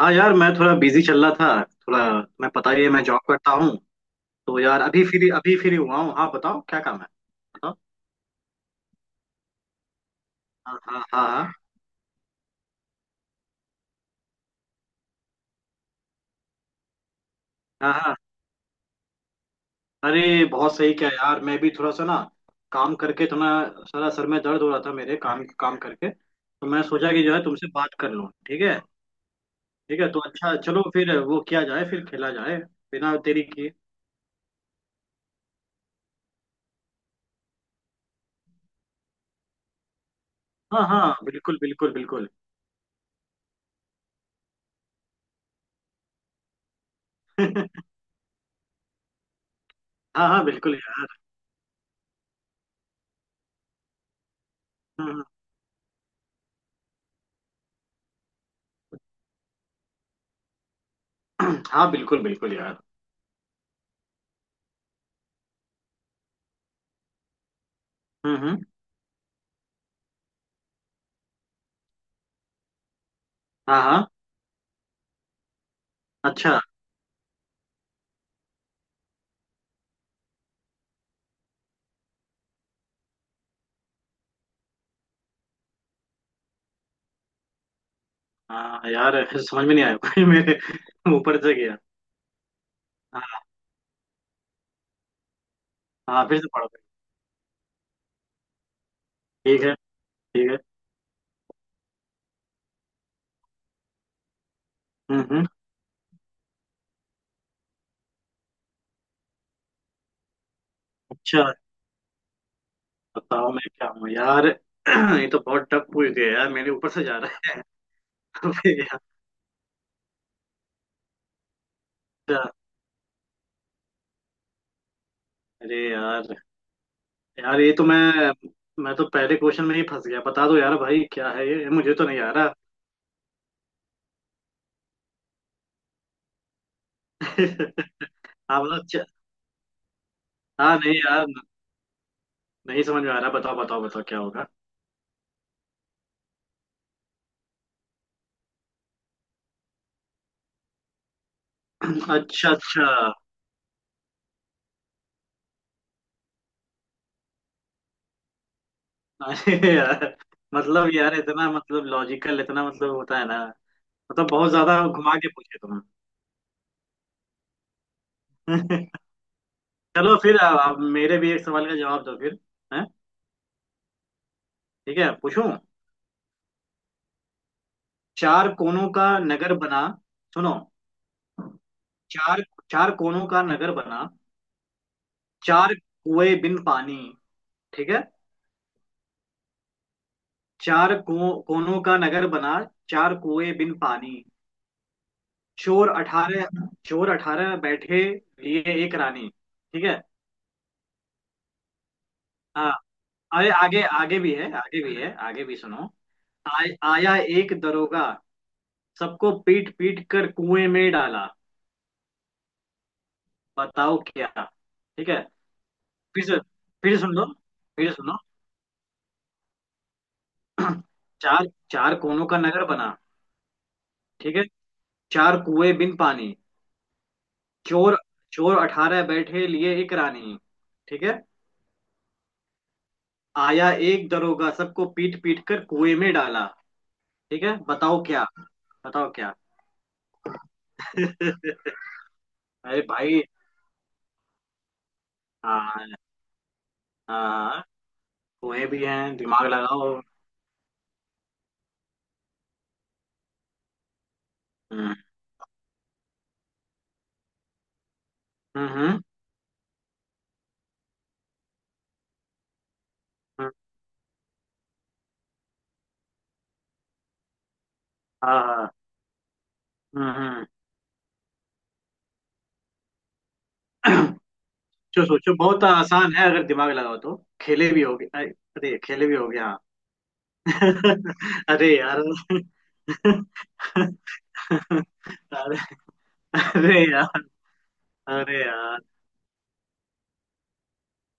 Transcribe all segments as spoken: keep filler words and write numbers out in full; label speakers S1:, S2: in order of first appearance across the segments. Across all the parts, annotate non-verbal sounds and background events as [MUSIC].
S1: हाँ यार, मैं थोड़ा बिजी चल रहा था। थोड़ा, मैं, पता ही है, मैं जॉब करता हूँ। तो यार, अभी फ्री अभी फ्री हुआ हूँ। हाँ, बताओ क्या काम है। बताओ। हाँ हाँ हाँ हाँ। हाँ हाँ। अरे बहुत सही क्या यार। मैं भी थोड़ा सा ना, काम करके थोड़ा सारा सर में दर्द हो रहा था मेरे, काम काम करके। तो मैं सोचा कि जो है, तुमसे बात कर लूँ, ठीक है। ठीक है, तो अच्छा, चलो फिर वो किया जाए, फिर खेला जाए, बिना देरी किए। हाँ हाँ, बिल्कुल बिल्कुल बिल्कुल। [LAUGHS] हाँ। हाँ बिल्कुल यार। हम्म, हम्म। [CLEARS THROAT] हाँ बिल्कुल बिल्कुल यार। हम्म हम्म। हाँ हाँ। अच्छा। हाँ यार, फिर समझ में नहीं आया [LAUGHS] कोई मेरे ऊपर से गया। हाँ। हाँ, फिर से पढ़ो। ठीक है। ठीक है। हम्म हम्म। अच्छा। बताओ मैं क्या हूँ यार। [CLEARS THROAT] ये तो बहुत टफ पूछ गया यार। मेरे ऊपर से जा रहा है। [LAUGHS] फिर यार, अच्छा। अरे यार। यार ये तो मैं मैं तो पहले क्वेश्चन में ही फंस गया। बता दो यार भाई, क्या है ये, मुझे तो नहीं आ रहा। [LAUGHS] हाँ मतलब, अच्छा। हाँ नहीं यार, नहीं समझ में आ रहा। बताओ बताओ बताओ, क्या होगा। [CLEARS THROAT] अच्छा अच्छा। [LAUGHS] अरे यार। मतलब यार, इतना मतलब लॉजिकल, इतना मतलब होता है ना। मतलब बहुत ज्यादा घुमा के पूछे तुमने। [LAUGHS] चलो, फिर अब मेरे भी एक सवाल का जवाब दो फिर। है। ठीक है, पूछूं। चार कोनों का नगर बना। सुनो। चार चार कोनों का नगर बना। चार कुएं बिन पानी। ठीक है। चार कुओं- कोनों का नगर बना। चार कुएं बिन पानी। चोर अठारह चोर अठारह बैठे लिए एक रानी। ठीक है। हाँ, अरे आगे, आगे भी है, आगे भी है, आगे भी सुनो। आ, आया एक दरोगा, सबको पीट पीट कर कुएं में डाला। बताओ क्या। ठीक है। फिर से, फिर से सुन लो। फिर से सुनो। [CLEARS THROAT] चार चार कोनों का नगर बना। ठीक है। चार कुएं बिन पानी। चोर चोर अठारह बैठे लिए एक रानी। ठीक है। आया एक दरोगा, सबको पीट पीट कर कुएं में डाला। ठीक है, बताओ क्या। बताओ क्या। [LAUGHS] अरे भाई, हाँ हाँ। कुएं भी हैं, दिमाग लगाओ। हम्म हम्म। हम्म, हाँ हाँ। हम्म हम्म। सोचो सोचो, बहुत आसान है अगर दिमाग लगाओ तो। खेले भी होगे अरे। अरे, खेले भी होगे, हाँ। [LAUGHS] अरे यार। [LAUGHS] अरे, अरे यार। अरे यार।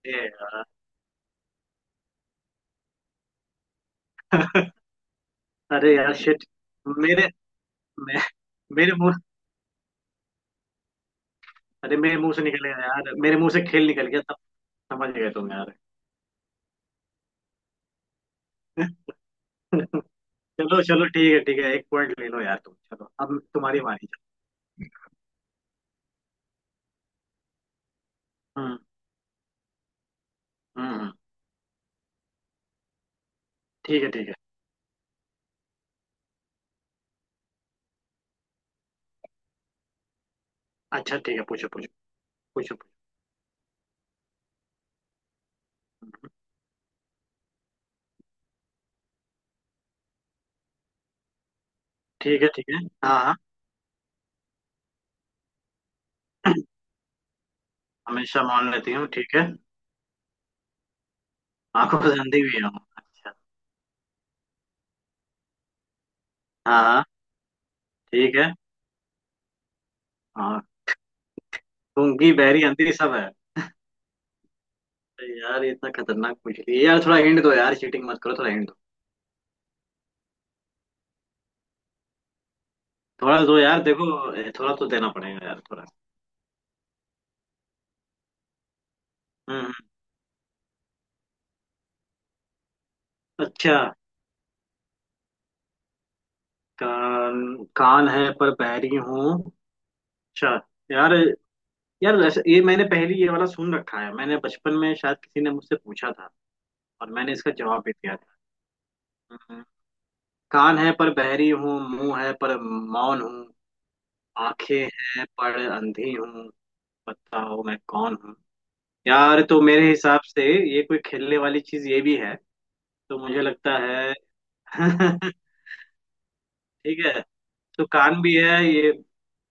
S1: अरे यार। अरे यार शिट। मेरे मे, मेरे मुंह। अरे मेरे मुंह से निकल गया यार, मेरे मुंह से खेल निकल गया तब। समझ गए तुम यार। [LAUGHS] चलो चलो, ठीक है ठीक है, एक पॉइंट ले लो यार, तुम चलो। अब तुम्हारी बारी। हम्म हम्म। हम्म। ठीक है, ठीक है। अच्छा ठीक है, पूछो पूछो। पूछो पूछो। ठीक है। ठीक है। हाँ हाँ। हमेशा मान लेती हूँ, ठीक है। आंखों से अंधी भी हूँ। अच्छा। हाँ हाँ। ठीक है। हाँ। गूंगी बहरी अंधी सब है। अरे यार ये इतना खतरनाक पूछ लिया यार। थोड़ा हिंट दो यार, चीटिंग मत करो, थोड़ा हिंट दो। थोड़ा दो यार, देखो ए, थोड़ा तो देना पड़ेगा यार, थोड़ा। हम्म। अच्छा। कान, कान है पर बहरी हूँ। अच्छा यार। यार ऐसे- ये मैंने पहले, ये वाला सुन रखा है मैंने बचपन में, शायद किसी ने मुझसे पूछा था, और मैंने इसका जवाब भी दिया था। हम्म, कान है पर बहरी हूँ, मुंह है पर मौन हूँ, आंखें हैं पर अंधी हूँ, बताओ मैं कौन हूँ। यार तो मेरे हिसाब से ये कोई खेलने वाली चीज ये भी है, तो मुझे लगता है। [LAUGHS] ठीक है, तो कान भी है ये,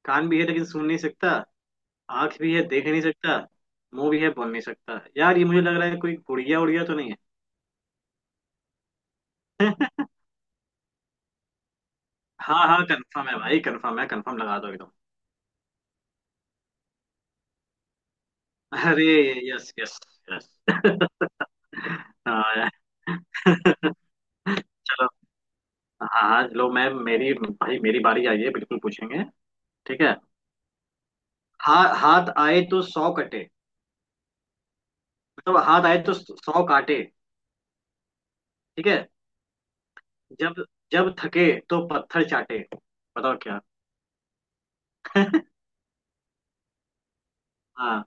S1: कान भी है लेकिन सुन नहीं सकता, आंख भी है देख नहीं सकता, मुंह भी है बोल नहीं सकता। यार ये मुझे लग रहा है कोई गुड़िया उड़िया तो नहीं है। [LAUGHS] हाँ हाँ, कंफर्म है भाई, कंफर्म है, कंफर्म लगा दो एकदम। अरे, यस यस। यस। [LAUGHS] हाँ। [LAUGHS] चलो। हाँ हाँ, लो मैम मेरी, भाई मेरी बारी आई है, बिल्कुल पूछेंगे। ठीक है। हा, हाथ आए तो सौ कटे, मतलब हाथ आए तो सौ काटे। ठीक है। जब, जब थके तो पत्थर चाटे। बताओ क्या। [LAUGHS] हाँ।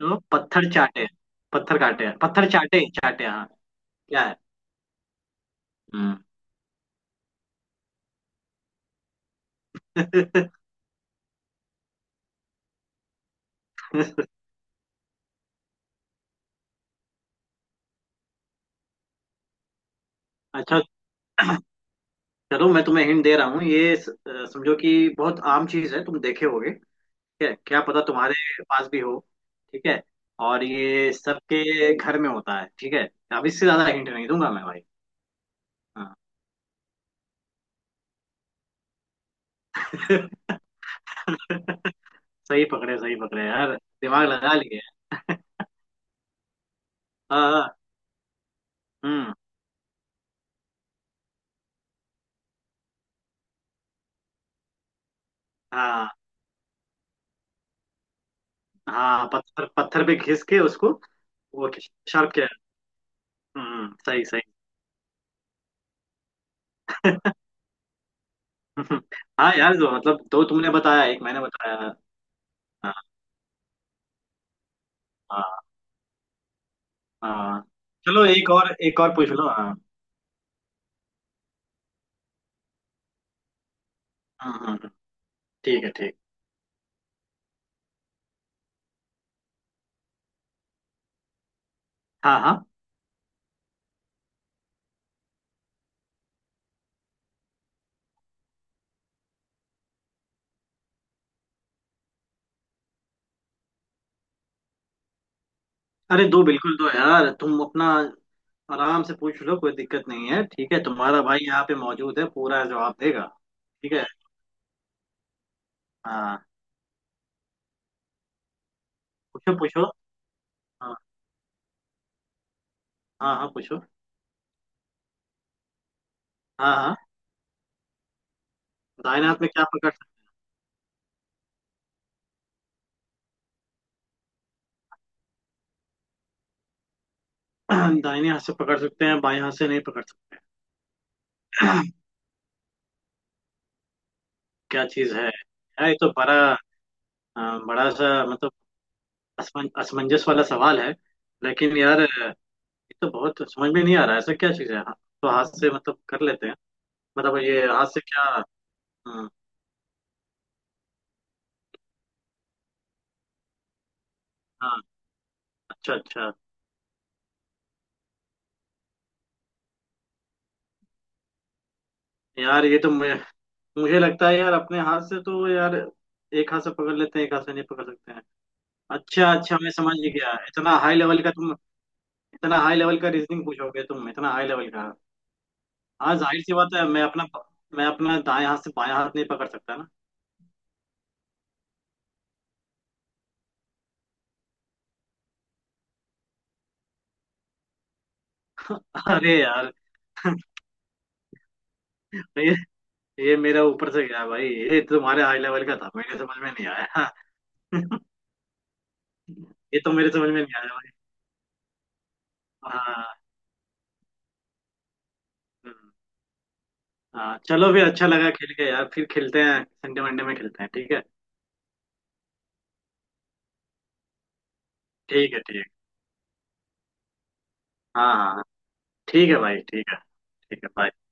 S1: तो पत्थर चाटे। पत्थर काटे, पत्थर चाटे, चाटे, हाँ। क्या है। हम्म। [LAUGHS] अच्छा, चलो मैं तुम्हें हिंट दे रहा हूँ। ये स- समझो कि बहुत आम चीज है, तुम देखे होगे ठीक है, क्या पता तुम्हारे पास भी हो ठीक है, और ये सबके घर में होता है ठीक है। अब इससे ज्यादा हिंट नहीं दूंगा मैं भाई। हाँ। [LAUGHS] सही पकड़े सही पकड़े यार। दिमाग लगा लिए। [LAUGHS] हाँ हाँ, हम्म। हाँ हाँ, पत्थर पत्थर पे घिस के उसको, वो शार्प किया। हम्म, सही सही। [LAUGHS] हाँ यार, जो मतलब दो तुमने बताया, एक मैंने बताया। हाँ हाँ हाँ। चलो एक और, एक और पूछ लो, हाँ। हम्म हम्म, हम्म। ठीक है, ठीक। हाँ हाँ। अरे दो, बिल्कुल दो यार, तुम अपना आराम से पूछ लो। कोई दिक्कत नहीं है, ठीक है, तुम्हारा भाई यहाँ पे मौजूद है, पूरा जवाब देगा। ठीक है। हाँ, पूछो पूछो। हाँ हाँ। हाँ, पूछो। हाँ हाँ, दाहिने हाथ में क्या पकड़, सक- [CLEARS THROAT] दाहिने हाथ से पकड़ सकते हैं, बाएं हाथ से नहीं पकड़ सकते। [CLEARS THROAT] क्या चीज है यार, ये तो बड़ा अ, बड़ा सा, मतलब असमं, असमंजस वाला सवाल है। लेकिन यार अ, ये तो बहुत समझ में नहीं आ रहा है, ऐसा क्या चीज है। हाँ, तो हाथ से मतलब कर लेते हैं, मतलब ये हाथ से क्या। हम्म, हाँ। अच्छा अच्छा। यार ये तो मैं, मुझे लगता है यार, अपने हाथ से तो यार, एक हाथ से पकड़ लेते हैं, एक हाथ से नहीं पकड़ सकते हैं। अच्छा अच्छा, मैं समझ गया। इतना हाई लेवल का तुम, इतना हाई लेवल का रीजनिंग पूछोगे तुम, इतना हाई लेवल का। हाँ, जाहिर सी बात है, मैं अपना, मैं अपना दाएं हाथ से बायां हाथ नहीं पकड़ सकता ना। [LAUGHS] अरे यार। [LAUGHS] ये ये मेरा ऊपर से गया भाई। ये तुम्हारे हाई लेवल का था, मेरे समझ में नहीं आया। [LAUGHS] ये तो मेरे समझ में नहीं आया भाई। हाँ। हम्म, हाँ चलो फिर, अच्छा लगा खेल के यार। फिर खेलते हैं, संडे मंडे में खेलते हैं, ठीक है। ठीक है, ठीक है। हाँ हाँ हाँ। ठीक है भाई, ठीक है। ठीक है, बाय।